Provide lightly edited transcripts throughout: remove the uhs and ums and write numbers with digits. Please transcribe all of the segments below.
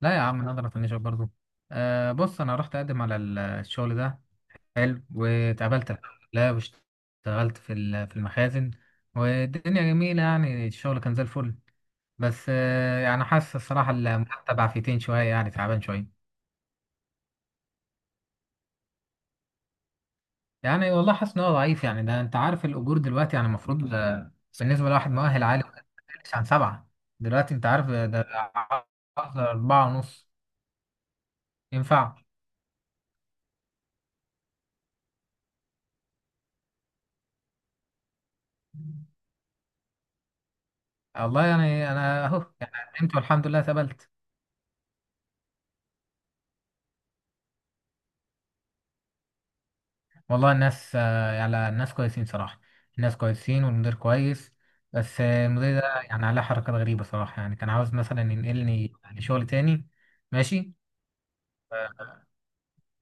لا يا عم نقدر افنشك برضو. آه، بص انا رحت اقدم على الشغل ده. حلو واتقابلت. لا واشتغلت في في المخازن. والدنيا جميلة، يعني الشغل كان زي الفل. بس يعني حاسس الصراحة المرتب عفيتين شوية، يعني تعبان شوية. يعني والله حاسس ان هو ضعيف، يعني ده انت عارف الاجور دلوقتي، يعني المفروض بالنسبة لواحد مؤهل عالي ما يقلش عن سبعة. دلوقتي انت عارف، ده عقد أربعة ونص، ينفع؟ والله يعني انا اهو، يعني قدمت والحمد لله اتقبلت. والله الناس، يعني الناس كويسين صراحة. الناس كويسين والمدير كويس. بس المدير ده يعني عليه حركات غريبة صراحة، يعني كان عاوز مثلا ينقلني لشغل تاني. ماشي،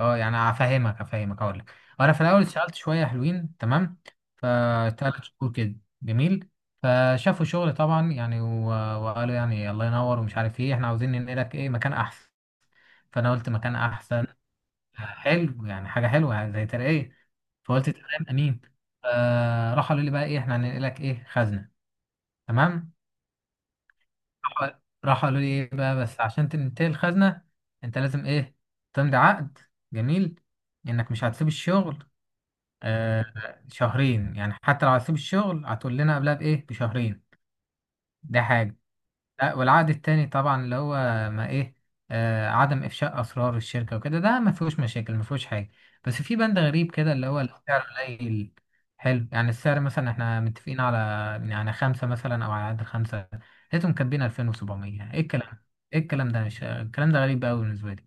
اه يعني افهمك افهمك اقول لك. انا في الاول اشتغلت شويه حلوين تمام، فتلات شهور كده جميل. فشافوا شغل طبعا، يعني وقالوا، يعني الله ينور ومش عارف ايه، احنا عاوزين ننقلك ايه مكان احسن. فانا قلت مكان احسن، حلو، يعني حاجه حلوه يعني زي ترقيه. فقلت تمام امين. راح قالوا لي بقى ايه، احنا هننقلك ايه خزنه. تمام. راح راح قالوا لي ايه بقى، بس عشان تنتقل الخزنه انت لازم ايه، تمضي عقد. جميل، انك مش هتسيب الشغل. آه شهرين، يعني حتى لو هتسيب الشغل هتقول لنا قبلها بايه بشهرين. ده حاجه. لا والعقد التاني طبعا اللي هو، ما ايه، عدم افشاء اسرار الشركه وكده، ده ما فيهوش مشاكل، ما فيهوش حاجه. بس في بند غريب كده اللي هو السعر قليل. حلو، يعني السعر مثلا احنا متفقين على، يعني خمسه مثلا او على قد خمسه، لقيتهم كاتبين 2700. ايه الكلام، ايه الكلام ده، مش الكلام ده غريب قوي بالنسبه لي.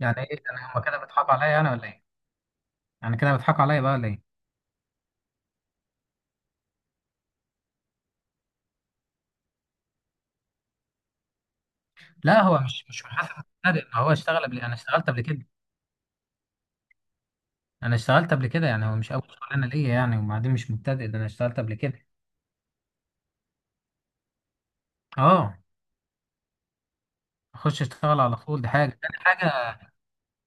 يعني ايه، انا هما كده بيضحكوا عليا انا ولا ايه؟ يعني كده بيضحكوا عليا بقى ولا ايه؟ لا هو مش محاسب السعر، ما هو اشتغل قبل، انا اشتغلت قبل كده. انا اشتغلت قبل كده يعني، هو مش اول شغلانه ليا يعني. وبعدين مش مبتدئ، ده انا اشتغلت قبل كده. اه. اخش اشتغل على طول، دي حاجه تاني حاجه.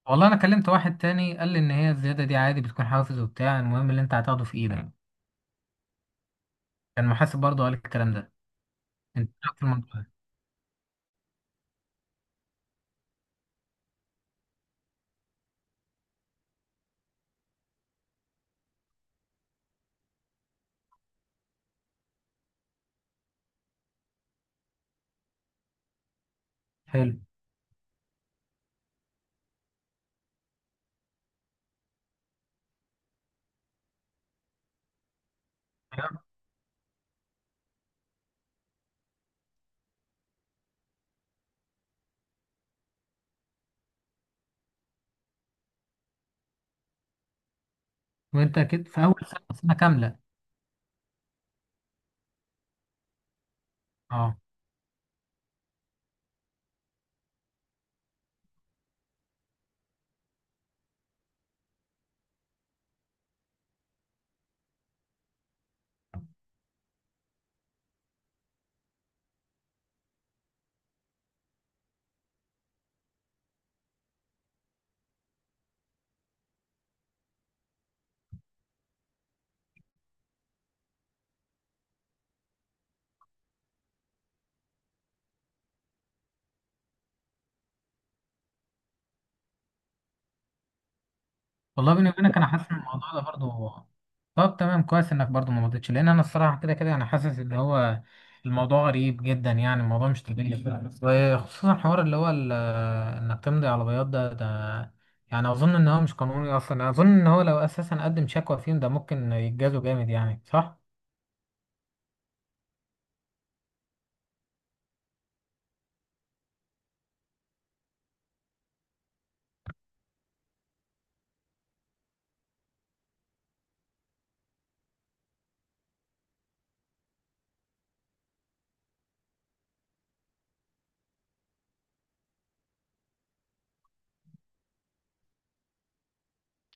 والله انا كلمت واحد تاني قال لي ان هي الزياده دي عادي بتكون حافز وبتاع، المهم اللي انت هتاخده في ايدك. كان محاسب برضه قال الكلام ده. انت إيه رأيك في الموضوع ده؟ حلو. وانت كده في اول سنه، سنه كامله؟ اه. والله بيني وبينك انا حاسس ان الموضوع ده برضو. طب تمام، كويس انك برضو ما مضيتش، لان انا الصراحه كده كده انا حاسس ان هو الموضوع غريب جدا، يعني الموضوع مش طبيعي. وخصوصا حوار اللي هو انك تمضي على بياض، ده يعني اظن ان هو مش قانوني اصلا. اظن ان هو لو اساسا قدم شكوى فيهم، ده ممكن يتجازوا جامد، يعني صح؟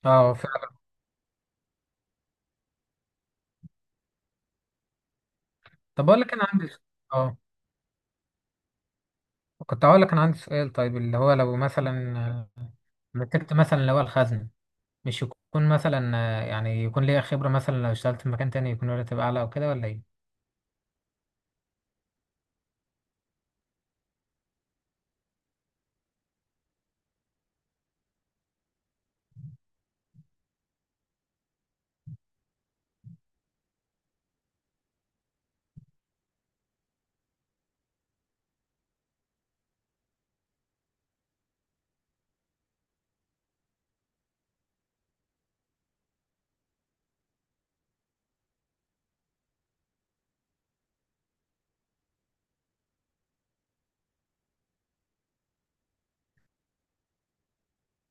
اه فعلا. طب اقول لك، اه كنت هقول لك انا عندي سؤال. طيب اللي هو، لو مثلا مسكت مثلا اللي هو الخزنه، مش يكون مثلا يعني يكون ليا خبرة مثلا لو اشتغلت في مكان تاني، يكون الراتب أعلى أو كده ولا إيه؟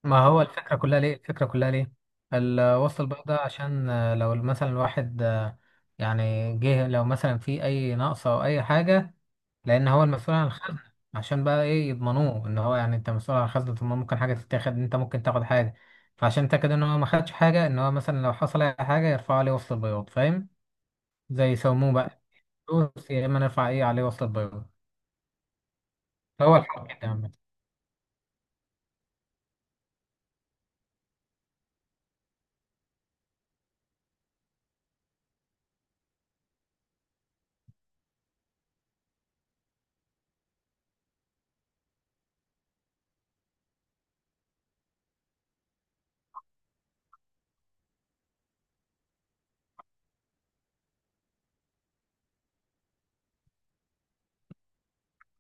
ما هو الفكرة كلها ليه؟ الفكرة كلها ليه؟ الوصل البيضاء ده عشان لو مثلا الواحد يعني جه، لو مثلا في أي نقص أو أي حاجة، لأن هو المسؤول عن الخزنة. عشان بقى إيه، يضمنوه إن هو، يعني أنت مسؤول عن الخزنة، طب ما ممكن حاجة تتاخد، أنت ممكن تاخد حاجة. فعشان تأكد إن هو ما خدش حاجة، إن هو مثلا لو حصل أي حاجة يرفعوا عليه وصل البياض، فاهم؟ زي يسموه بقى، فلوس، يا إما نرفع إيه عليه وصل البياض. هو الحق كده.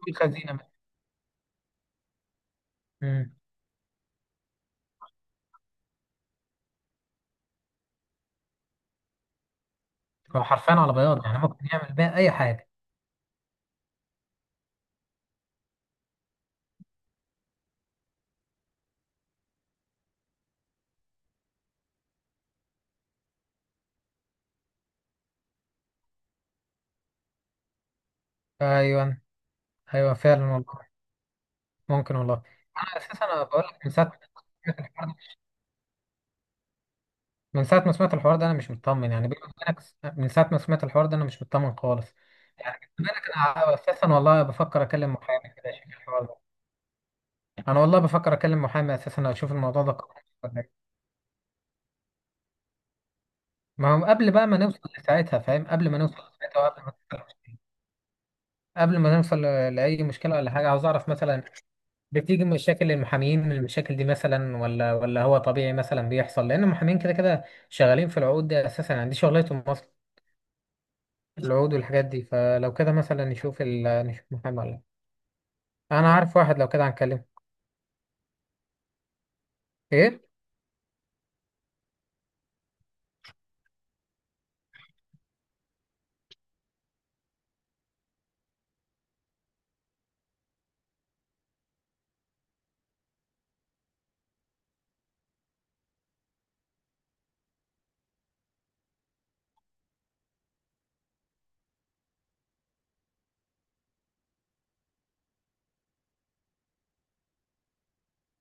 الخزينة بس. مم. هو حرفيا على بياض، يعني ممكن يعمل بيها أي حاجة. أيوة، أيوة، فعلا والله. ممكن والله. أنا أساسا أنا بقول لك، من ساعة ما سمعت الحوار ده، من ساعة ما سمعت الحوار ده أنا مش مطمن، يعني بيني وبينك. من ساعة ما سمعت الحوار ده أنا مش مطمن خالص. يعني بيني وبينك أنا أساسا والله بفكر أكلم محامي كده، أشوف الحوار ده. أنا والله بفكر أكلم محامي أساسا، أشوف الموضوع ده قانوني ولا إيه. ما هو قبل بقى ما نوصل لساعتها فاهم، قبل ما نوصل لساعتها، وقبل ما قبل ما نوصل لأي مشكلة ولا حاجة، عاوز أعرف مثلا، بتيجي مشاكل المحامين من المشاكل دي مثلا، ولا هو طبيعي مثلا بيحصل، لان المحامين كده كده شغالين في العقود دي اساسا، يعني دي شغلتهم اصلا، العقود والحاجات دي. فلو كده مثلا نشوف نشوف محامي ولا لأ. انا عارف واحد لو كده هنكلمه. ايه.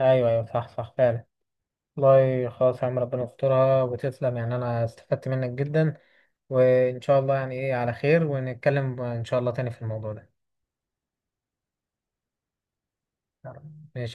ايوه، ايوه، صح، صح، فعلا. والله خلاص يا عم، ربنا يسترها وتسلم، يعني انا استفدت منك جدا. وان شاء الله يعني ايه على خير، ونتكلم ان شاء الله تاني في الموضوع ده. ماشي.